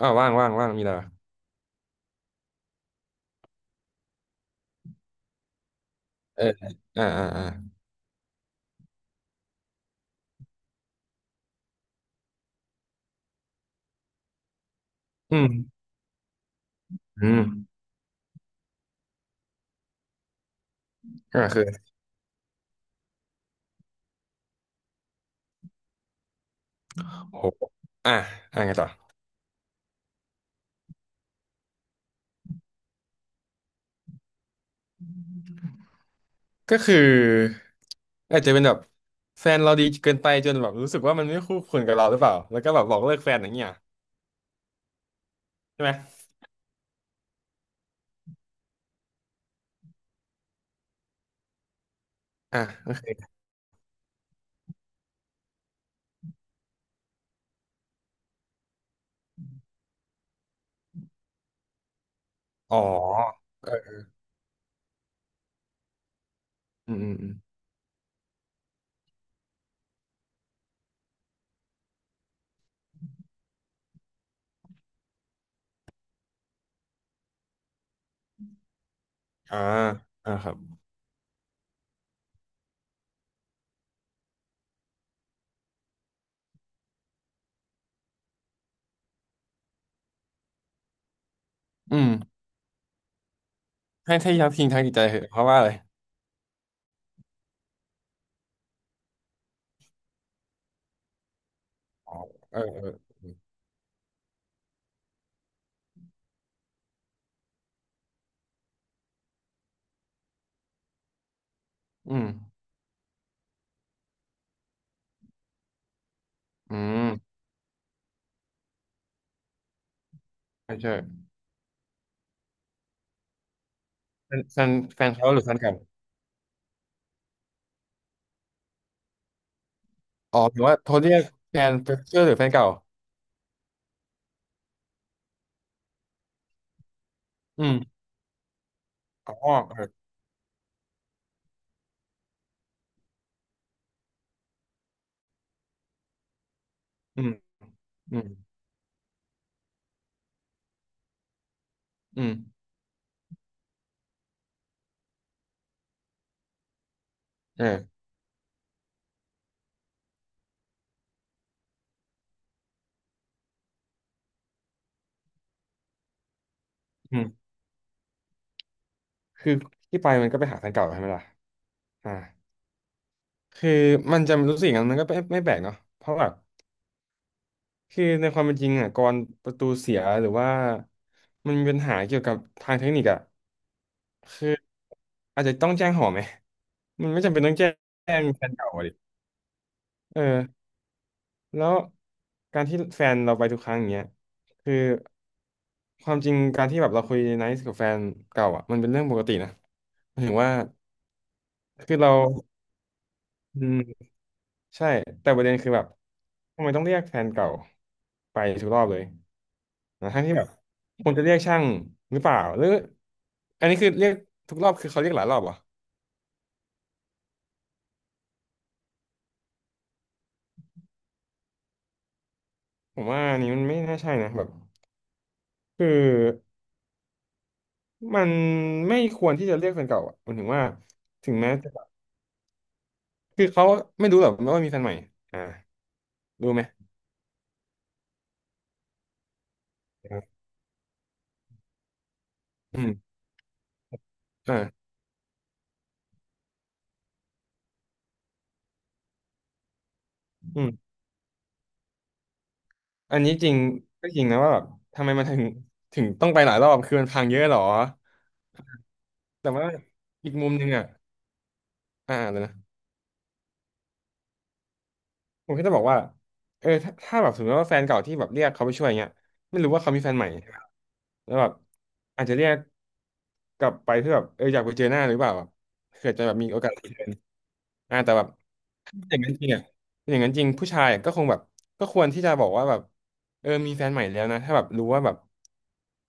อ้าวว่างมีอะไรวะเอออ่าอ่าอ่าอืมอืมก็คือโอ้โหอ่ะอ่ะไงต่อก็คืออาจจะเป็นแบบแฟนเราดีเกินไปจนแบบรู้สึกว่ามันไม่คู่ควรกับเราหรือเปล่าแล้วก็แบบบอกเลิกแฟนอย่างเงี้ยใช่ไหมอ่ะอ๋อเอออืมอืมอมอ่าอ่าครับอืมให้ใี้ยักทิ้งทางจิตใจเหอะเพราะว่าอะไรอ๋อเออเอออืมอืมใช่ใช่แฟนแฟนเขาหรือแฟนเก่าอ๋อหรือว่าโทรเรียกแฟนเพื่อนหรือแฟนเก่าอืมอ๋อ อืมอืมอืมเอออืมคือที่ไปมันก็ไปหาแฟนเก่าใช่ไหมล่ะอ่าคือมันจะรู้สึกอย่างนั้นมันก็ไม่แปลกเนาะเพราะแบบคือในความเป็นจริงอ่ะกรประตูเสียหรือว่ามันมีปัญหาเกี่ยวกับทางเทคนิคอ่ะคืออาจจะต้องแจ้งหอไหมมันไม่จำเป็นต้องแจ้งแฟนเก่าอะดิเออแล้วการที่แฟนเราไปทุกครั้งอย่างเงี้ยคือความจริงการที่แบบเราคุยไนซ์กับแฟนเก่าอ่ะมันเป็นเรื่องปกตินะหมายถึงว่าคือเรา อืมใช่แต่ประเด็นคือแบบทำไมต้องเรียกแฟนเก่าไปทุกรอบเลยนะทั้งที่แบบควรจะเรียกช่างหรือเปล่าหรืออันนี้คือเรียกทุกรอบคือเขาเรียกหลายรอบเหรอผมว่าอันนี้มันไม่น่าใช่นะแบบคือมันไม่ควรที่จะเรียกแฟนเก่าอ่ะมันถึงว่าถึงแม้จะแบบคือเขาไม่รู้หรอกว่ามีแฟนใหม่อ่ารู้ไหมอืมอ่าอืมอันนี้จริงก็จริงนะว่าแบบทำไมมันถึงต้องไปหลายรอบคือมันพังเยอะหรอแต่ว่าอีกมุมหนึ่งอ่ะ อ่าเดี๋ยวนะผมแค่จะบอกว่าเออถ้าแบบสมมติว่าแฟนเก่าที่แบบเรียกเขาไปช่วยเงี้ยไม่รู้ว่าเขามีแฟนใหม่แล้วแบบอาจจะเรียกกลับไปเพื่อแบบเอออยากไปเจอหน้าหรือเปล่าแบบเผื่อจะแบบมีโอกาสได้เจออ่าแต่แบบถ้าอย่างนั้นจริงอ่ะถ้าอย่างนั้นจริงผู้ชายก็คงแบบก็ควรที่จะบอกว่าแบบเออมีแฟนใหม่แล้วนะถ้าแบบรู้ว่าแบบ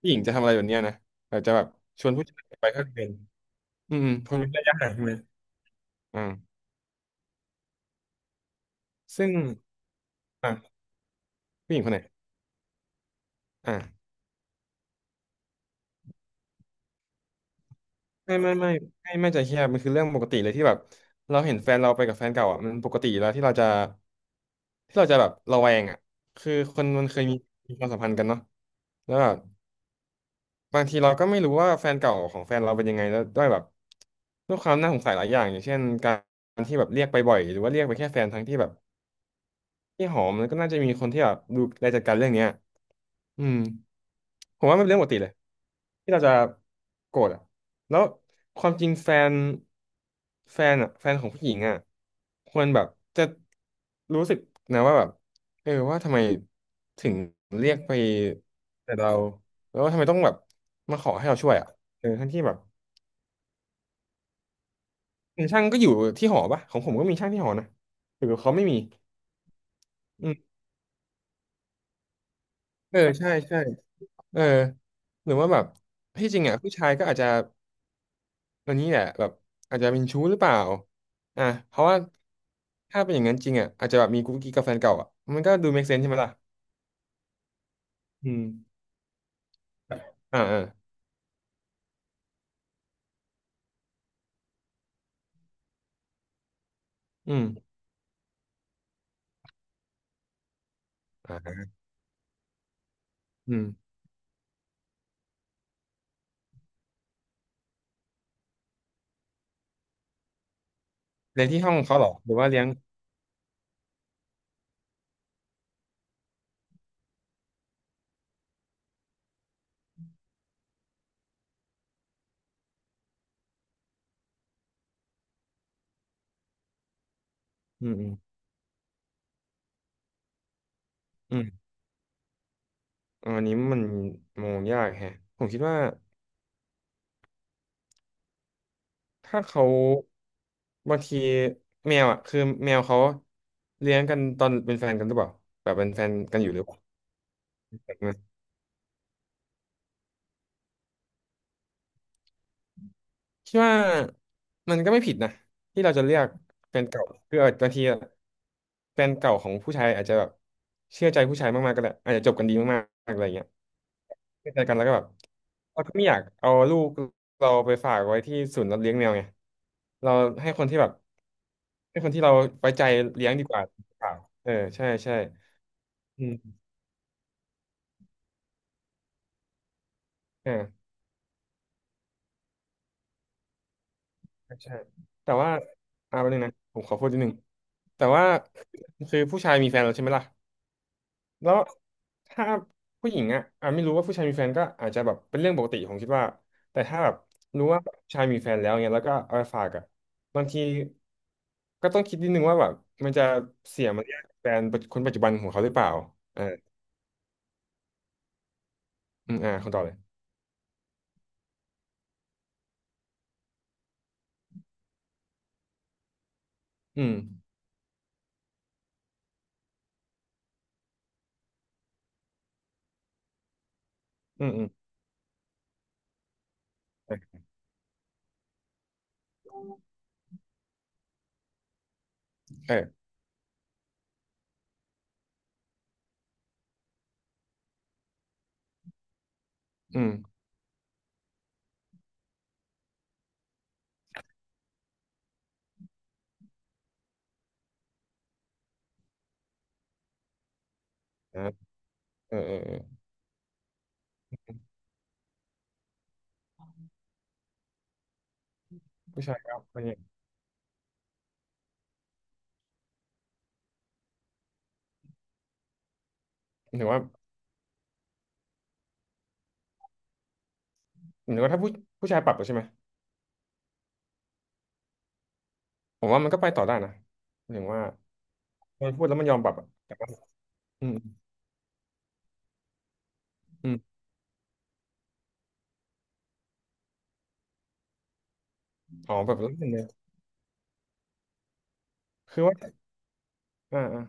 ผู้หญิงจะทำอะไรแบบเนี้ยนะอาจจะแบบชวนผู้ชายไปก็เป็นคนเว้นระยะห่างใช่ไหมอ่าซึ่งอ่าผู้หญิงคนไหนอ่า ไม่ไม่ไม่ไม่ใจแคบมันคือเรื่องปกติเลยที่แบบเราเห็นแฟนเราไปกับแฟนเก่าอ่ะมันปกติอยู่แล้วที่เราจะแบบระแวงอ่ะคือคนมันเคยมีความสัมพันธ์กันเนาะแล้วแบบบางทีเราก็ไม่รู้ว่าแฟนเก่าของแฟนเราเป็นยังไงแล้วด้วยแบบด้วยความน่าสงสัยหลายอย่างอย่างเช่นการที่แบบเรียกไปบ่อยหรือว่าเรียกไปแค่แฟนทั้งที่แบบที่หอมมันก็น่าจะมีคนที่แบบดูแลจัดการเรื่องเนี้ย อืมผมว่ามันเป็นเรื่องปกติเลยที่เราจะโกรธอ่ะแล้วความจริงแฟนอ่ะแฟนของผู้หญิงอ่ะควรแบบจะรู้สึกนะว่าแบบเออว่าทำไมถึงเรียกไปแต่เราแล้วทำไมต้องแบบมาขอให้เราช่วยอ่ะเออทั้งที่แบบช่างก็อยู่ที่หอปะของผมก็มีช่างที่หอนะหรือเขาไม่มีอืมเออใช่ใช่เออหรือว่าแบบที่จริงอ่ะผู้ชายก็อาจจะ ตัวนี้เนี่ยแบบอาจจะเป็นชู้หรือเปล่าอ่ะเพราะว่าถ้าเป็นอย่างนั้นจริงอ่ะอาจจะแบบมีกุ๊กกิ๊กกับแฟนเก่าอ่ะมันก็ดู make sense ใช่ไหมล่ะอืมอ่าอ่าอืมอ่าอืมเรียนที่ห้องเขาเหรอหรือว่าเลี้ยงอืมอืมอืมอะอันนี้มันมองยากแฮะผมคิดว่าถ้าเขาบางทีแมวอ่ะคือแมวเขาเลี้ยงกันตอนเป็นแฟนกันหรือเปล่าแบบเป็นแฟนกันอยู่หรือเปล่า คิดว่ามันก็ไม่ผิดนะที่เราจะเลือกแฟนเก่าคือบางทีอะแฟนเก่าของผู้ชายอาจจะแบบเชื่อใจผู้ชายมากๆก็ได้อาจจะจบกันดีมากๆอะไรเงี้ยเชื่อใจกันแล้วก็แบบเราก็ไม่อยากเอาลูกเราไปฝากไว้ที่ศูนย์รับเลี้ยงแมวไงเราให้คนที่แบบให้คนที่เราไว้ใจเลี้ยงดีกว่าเปล่าเออใช่ใช่อืมอ่าใช่แต่ว่าอ่าแป๊บนึงนะผมขอพูดนิดนึงแต่ว่าคือผู้ชายมีแฟนแล้วใช่ไหมล่ะ แล้วถ้าผู้หญิงอ่ะไม่รู้ว่าผู้ชายมีแฟนก็อาจจะแบบเป็นเรื่องปกติผมคิดว่าแต่ถ้าแบบรู้ว่าผู้ชายมีแฟนแล้วเงี้ยแล้วก็เอาไปฝากอ่ะบางทีก็ต้องคิดนิดนึงว่าแบบมันจะเสียมารยาทแฟนคนปัจจุบันของเขาหรือเปล่าเอออืมคำตอบเลยอืมอืมอืมเออเอออืมนะเออเออเออผู้ชายก็อะไรเงี้ยหรือว่าหรือว่าถ้าผู้ชายปรับแล้วใช่ไหมผมว่ามันก็ไปต่อได้นะหมายถึงว่ามันพูดแล้วมันยอมปรับอะแต่ว่าอืมอืมอ๋อแบบนั้นเลยคือว่า อ่า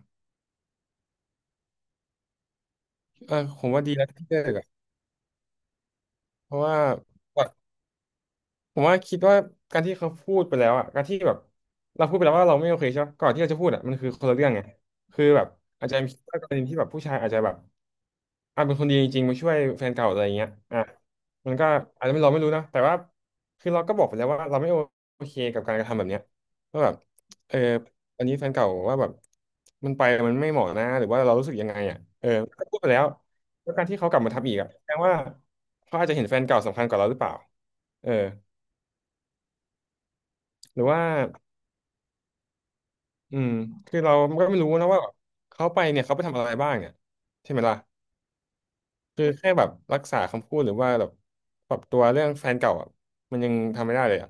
เออผมว่าดีแล้วที่เลิกอ่ะเพราะว่ากว่า ผมว่าคิดว่าการที่เขาพูดไปแล้วอ่ะการที่แบบเราพูดไปแล้วว่าเราไม่โอเคใช่ปะก่อนที่เราจะพูดอ่ะมันคือคนละเรื่องไงคือแบบอาจจะมีกรณีที่แบบผู้ชายอาจจะแบบอ่ะเป็นคนดีจริงๆมาช่วยแฟนเก่าอะไรอย่างเงี้ยอ่ะมันก็อาจจะไม่เราไม่รู้นะแต่ว่าคือเราก็บอกไปแล้วว่าเราไม่โอเคกับการกระทำแบบเนี้ยว่าแบบเอออันนี้แฟนเก่าว่าแบบมันไปมันไม่เหมาะนะหรือว่าเรารู้สึกยังไงอ่ะเออก็พูดไปแล้วแล้วการที่เขากลับมาทำอีกอ่ะแสดงว่าเขาอาจจะเห็นแฟนเก่าสำคัญกว่าเราหรือเปล่าเออ หรือว่าอืมคือเราก็ไม่รู้นะว่าเขาไปเนี่ยเขาไปทำอะไรบ้างเนี่ยใช่ไหมล่ะคือแค่แบบรักษาคำพูดหรือว่าแบบปรับตัวเรื่องแฟนเก่าอ่ะมันยังทำไม่ได้เลยอ่ะ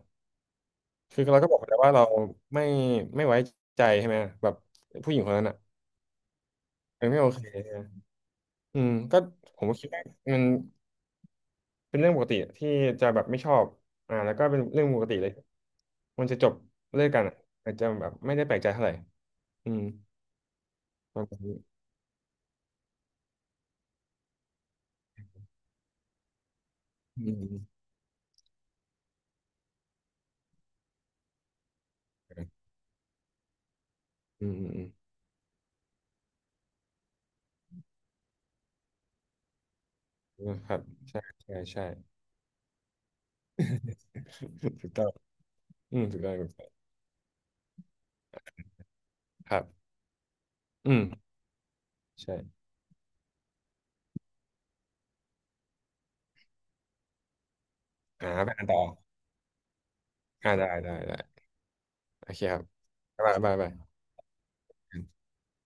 คือเราก็บอกไปแล้วว่าเราไม่ไม่ไว้ใจใช่ไหมแบบผู้หญิงคนนั้นอ่ะมันไม่โอเคอืมก็ผมก็คิดว่ามันเป็นเรื่องปกติที่จะแบบไม่ชอบอ่าแล้วก็เป็นเรื่องปกติเลยมันจะจบเลิกกันอะอาจจะแบบไม่ได้แปลกใจเท่าไหร่อืมประมาณนี้อืมอืมอืมอืม นะครับใช่ใช่ ใช่ ถูกต้องอืมถูกต้องครับอืมใช่อ่าไปอ่านต่ออ่าได้ได้ได้โอเคครับบ๊ายบายบ๊ายบาย